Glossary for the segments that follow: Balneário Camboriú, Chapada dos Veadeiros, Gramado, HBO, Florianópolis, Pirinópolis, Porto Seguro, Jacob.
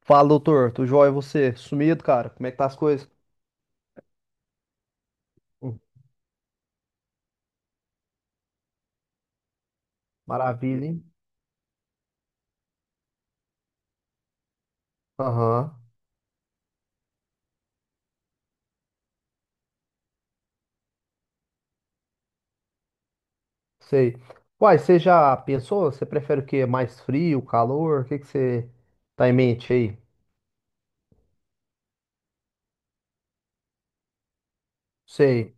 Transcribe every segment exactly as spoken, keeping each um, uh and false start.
Fala, doutor. Tudo jóia, e você? Sumido, cara? Como é que tá as coisas? Hum. Maravilha, hein? Aham. Sei. Uai, você já pensou? Você prefere o quê? Mais frio, calor? O que que você tá em mente aí? Sei.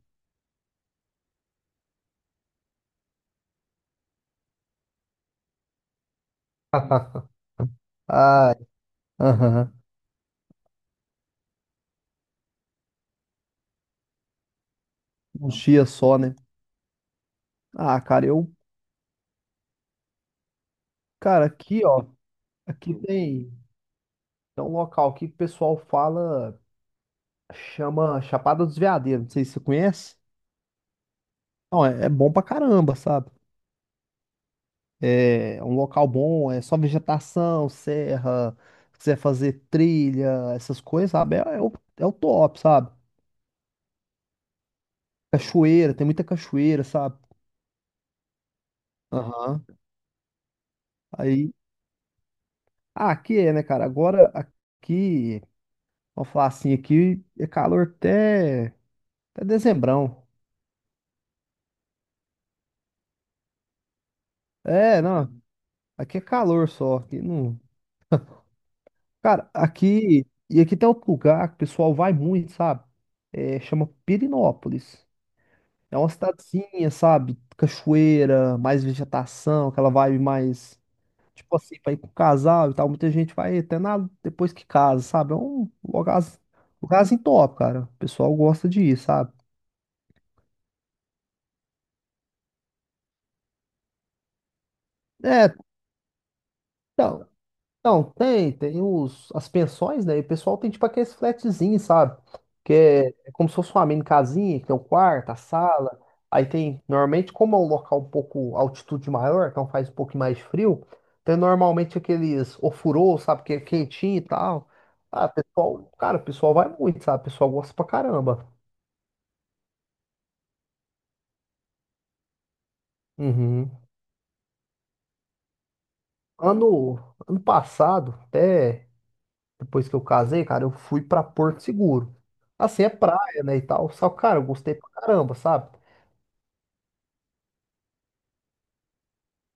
Ai, aham. Uns dias só, né? Ah, cara, eu... Cara, aqui, ó. Aqui tem, tem um local aqui que o pessoal fala... Chama Chapada dos Veadeiros. Não sei se você conhece. Não, é, é bom pra caramba, sabe? É um local bom, é só vegetação, serra, se quiser fazer trilha, essas coisas, sabe? É, é o, é o top, sabe? Cachoeira, tem muita cachoeira, sabe? Aham. Aí, ah, aqui é, né, cara? Agora aqui, vamos falar assim, aqui é calor até, até dezembrão. É, não, aqui é calor só, aqui não. Cara, aqui, e aqui tem outro lugar que o pessoal vai muito, sabe? É, chama Pirinópolis. É uma cidadezinha, sabe? Cachoeira, mais vegetação, aquela vibe mais. Tipo assim, pra ir com casal e tal. Muita gente vai até na... depois que casa, sabe? É um lugar, lugarzinho top, cara. O pessoal gosta de ir, sabe? É, então, não, tem, tem os, as pensões, né? E o pessoal tem tipo aqueles flatzinhos, sabe? Que é, é como se fosse uma mini casinha, que tem o quarto, a sala. Aí tem, normalmente, como é um local um pouco altitude maior, então faz um pouquinho mais frio, tem normalmente aqueles ofurô, sabe? Que é quentinho e tal. Ah, pessoal, cara, o pessoal vai muito, sabe? O pessoal gosta pra caramba. Uhum. Ano, ano passado, até. Depois que eu casei, cara, eu fui pra Porto Seguro. Assim, é praia, né, e tal. Só, que, cara, eu gostei pra caramba, sabe?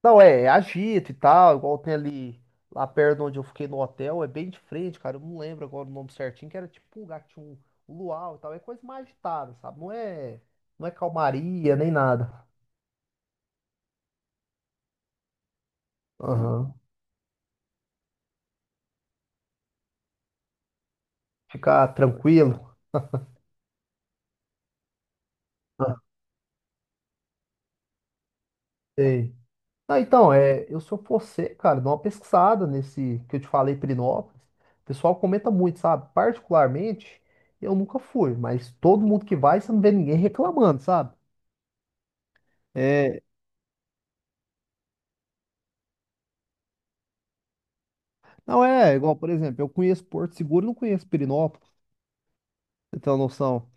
Não, é, é agito e tal, igual tem ali, lá perto onde eu fiquei no hotel, é bem de frente, cara. Eu não lembro agora o nome certinho, que era tipo um lugar que tinha um, um luau e tal. É coisa mais agitada, sabe? Não é, não é calmaria, nem nada. Aham. Ficar tranquilo. Ah, sei. Não, então, é, eu se eu for você, cara, dá uma pesquisada nesse que eu te falei, Pirinópolis. O pessoal comenta muito, sabe? Particularmente, eu nunca fui, mas todo mundo que vai, você não vê ninguém reclamando, sabe? É, não é igual, por exemplo, eu conheço Porto Seguro, não conheço Pirinópolis, pra você tem uma noção.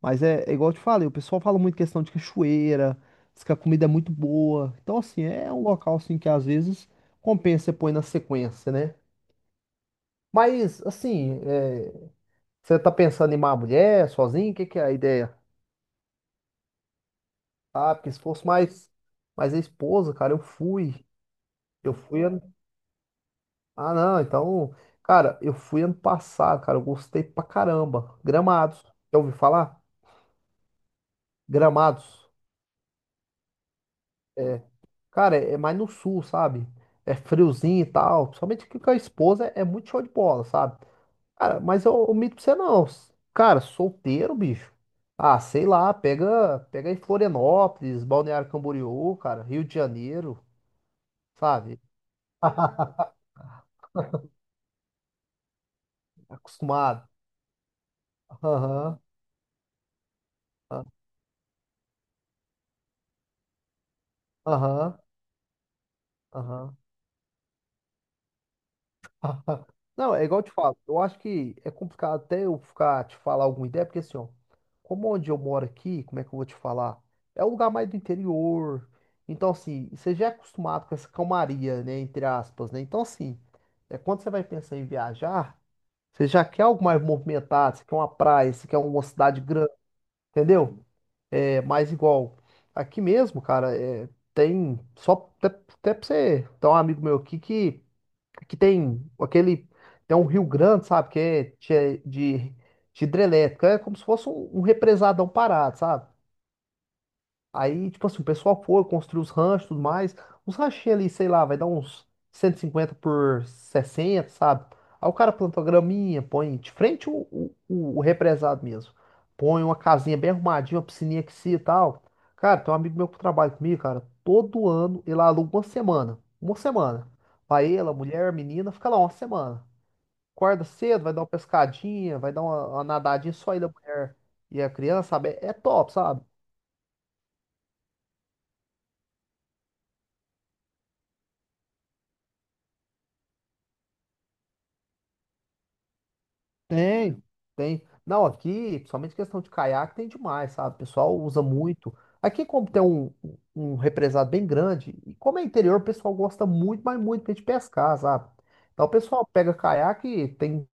Mas é, é igual eu te falei, o pessoal fala muito questão de cachoeira, diz que a comida é muito boa. Então, assim, é um local assim que às vezes compensa você pôr na sequência, né? Mas, assim, é, você tá pensando em uma mulher sozinho? O que que é a ideia? Ah, porque se fosse mais, mais a esposa, cara, eu fui. Eu fui ano... Ah, não, então... Cara, eu fui ano passado, cara, eu gostei pra caramba. Gramados. Já ouviu falar? Gramados. É. Cara, é é mais no sul, sabe? É friozinho e tal. Principalmente que com a esposa é é muito show de bola, sabe? Cara, mas eu omito pra você não. Cara, solteiro, bicho. Ah, sei lá, pega, pega em Florianópolis, Balneário Camboriú, cara, Rio de Janeiro, sabe? Acostumado. Aham, aham, aham. Não, é igual eu te falo. Eu acho que é complicado até eu ficar te falar alguma ideia, porque assim, ó, como onde eu moro aqui, como é que eu vou te falar? É um lugar mais do interior. Então, assim, você já é acostumado com essa calmaria, né? Entre aspas, né? Então, assim, é quando você vai pensar em viajar, você já quer algo mais movimentado, você quer uma praia, você quer uma cidade grande, entendeu? É mais igual. Aqui mesmo, cara, é, tem. Só até, até pra você. Tem um amigo meu aqui que que tem aquele. Tem um rio grande, sabe? Que é de, de, de hidrelétrica. É como se fosse um, um represadão parado, sabe? Aí, tipo assim, o pessoal foi, construiu os ranchos e tudo mais. Os ranchinhos ali, sei lá, vai dar uns cento e cinquenta por sessenta, sabe? Aí o cara plantou a graminha, põe de frente o, o, o- o represado mesmo. Põe uma casinha bem arrumadinha, uma piscininha que se e tal. Cara, tem um amigo meu que trabalha comigo, cara. Todo ano ele aluga uma semana. Uma semana. Vai ela, mulher, a menina, fica lá uma semana. Acorda cedo, vai dar uma pescadinha, vai dar uma, uma nadadinha só ele, a mulher e a criança, sabe? É é top, sabe? Tem, tem. Não, aqui, principalmente questão de caiaque, tem demais, sabe? O pessoal usa muito. Aqui, como tem um, um represado bem grande, e como é interior, o pessoal gosta muito, mas muito mesmo de pescar, sabe? Então, o pessoal pega caiaque, tem,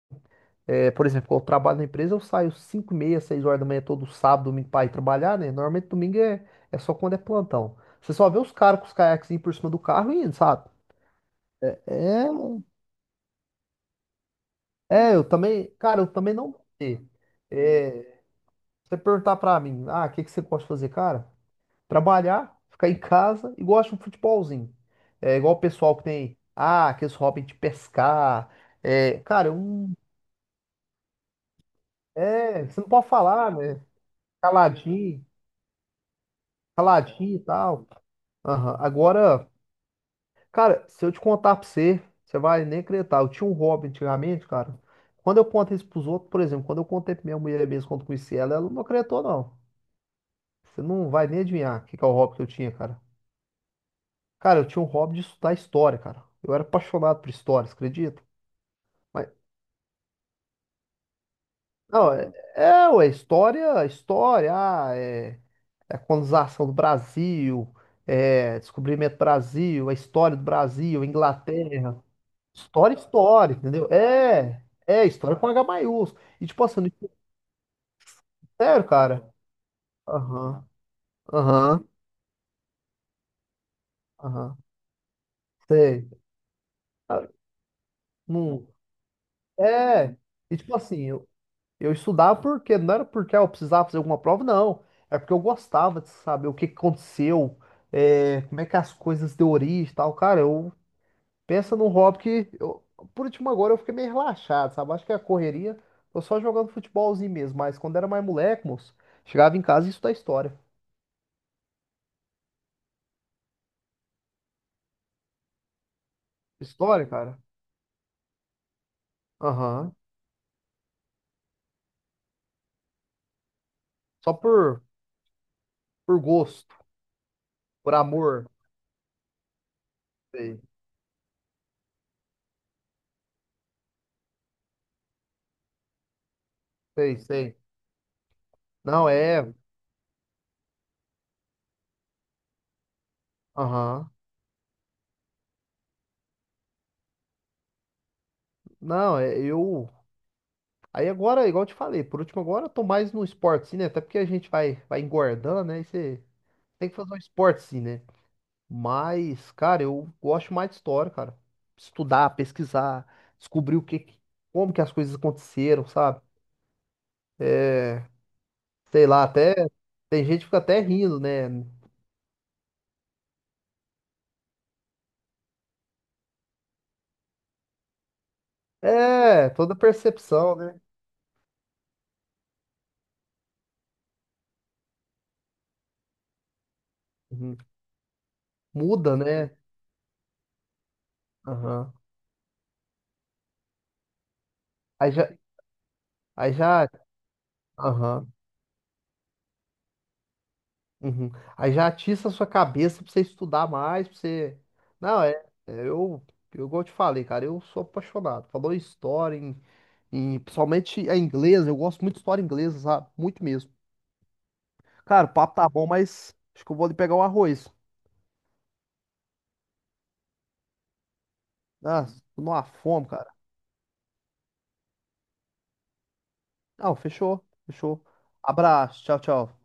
é, por exemplo, quando eu trabalho na empresa, eu saio cinco e meia, 6 horas da manhã, todo sábado, domingo, para ir trabalhar, né? Normalmente, domingo é, é só quando é plantão. Você só vê os caras com os caiaques por cima do carro e indo, sabe? É, é, é, eu também, cara, eu também não. Sei. Você perguntar pra mim, ah, o que que você gosta de fazer, cara? Trabalhar, ficar em casa e gosto de um futebolzinho. É igual o pessoal que tem, ah, aqueles hobby de pescar. É, cara, um, é, você não pode falar, né? Caladinho, caladinho e tal. Aham. Agora, cara, se eu te contar pra você, você vai nem acreditar. Eu tinha um hobby antigamente, cara. Quando eu conto isso pros outros, por exemplo, quando eu contei pra minha mulher mesmo, quando conheci ela, ela não acreditou, não. Você não vai nem adivinhar o que que é o hobby que eu tinha, cara. Cara, eu tinha um hobby de estudar história, cara. Eu era apaixonado por história, você acredita? Mas, não, é, é, ué, história, história, ah, é, é a colonização do Brasil, é descobrimento do Brasil, a história do Brasil, Inglaterra. História, história, entendeu? É, é, história com H maiúsculo. E tipo assim, no sério, cara. Aham, aham, aham, sei. Ah, não, é, e tipo assim, eu estudava porque não era porque ah, eu precisava fazer alguma prova, não. É porque eu gostava de saber o que que aconteceu, é, como é que as coisas deu origem e tal. Cara, eu penso num hobby que, eu- por último, agora eu fiquei meio relaxado, sabe? Acho que é a correria, tô só jogando futebolzinho mesmo. Mas quando era mais moleque, moço, chegava em casa e estudava história. História, cara? Aham. Só por, por gosto, por amor. Sei, sei, sei. Não, é. Aham. Não, é, eu. Aí agora, igual eu te falei, por último agora eu tô mais no esporte sim, né? Até porque a gente vai, vai engordando, né? E você tem que fazer um esporte sim, né? Mas, cara, eu gosto mais de história, cara. Estudar, pesquisar, descobrir o que, que- como que as coisas aconteceram, sabe? É, sei lá, até tem gente que fica até rindo, né? É, toda percepção, né? Uhum. Muda, né? Aham. Aí já, aí já, Aham. Uhum. Aí já atiça a sua cabeça pra você estudar mais, pra você. Não, é. é, Eu, eu, igual eu te falei, cara, eu sou apaixonado. Falou em história, em, em- principalmente a inglesa, eu gosto muito de história inglesa, sabe? Muito mesmo. Cara, o papo tá bom, mas acho que eu vou ali pegar um arroz. Ah, tô numa fome, cara. Não, fechou, fechou. Abraço, tchau, tchau.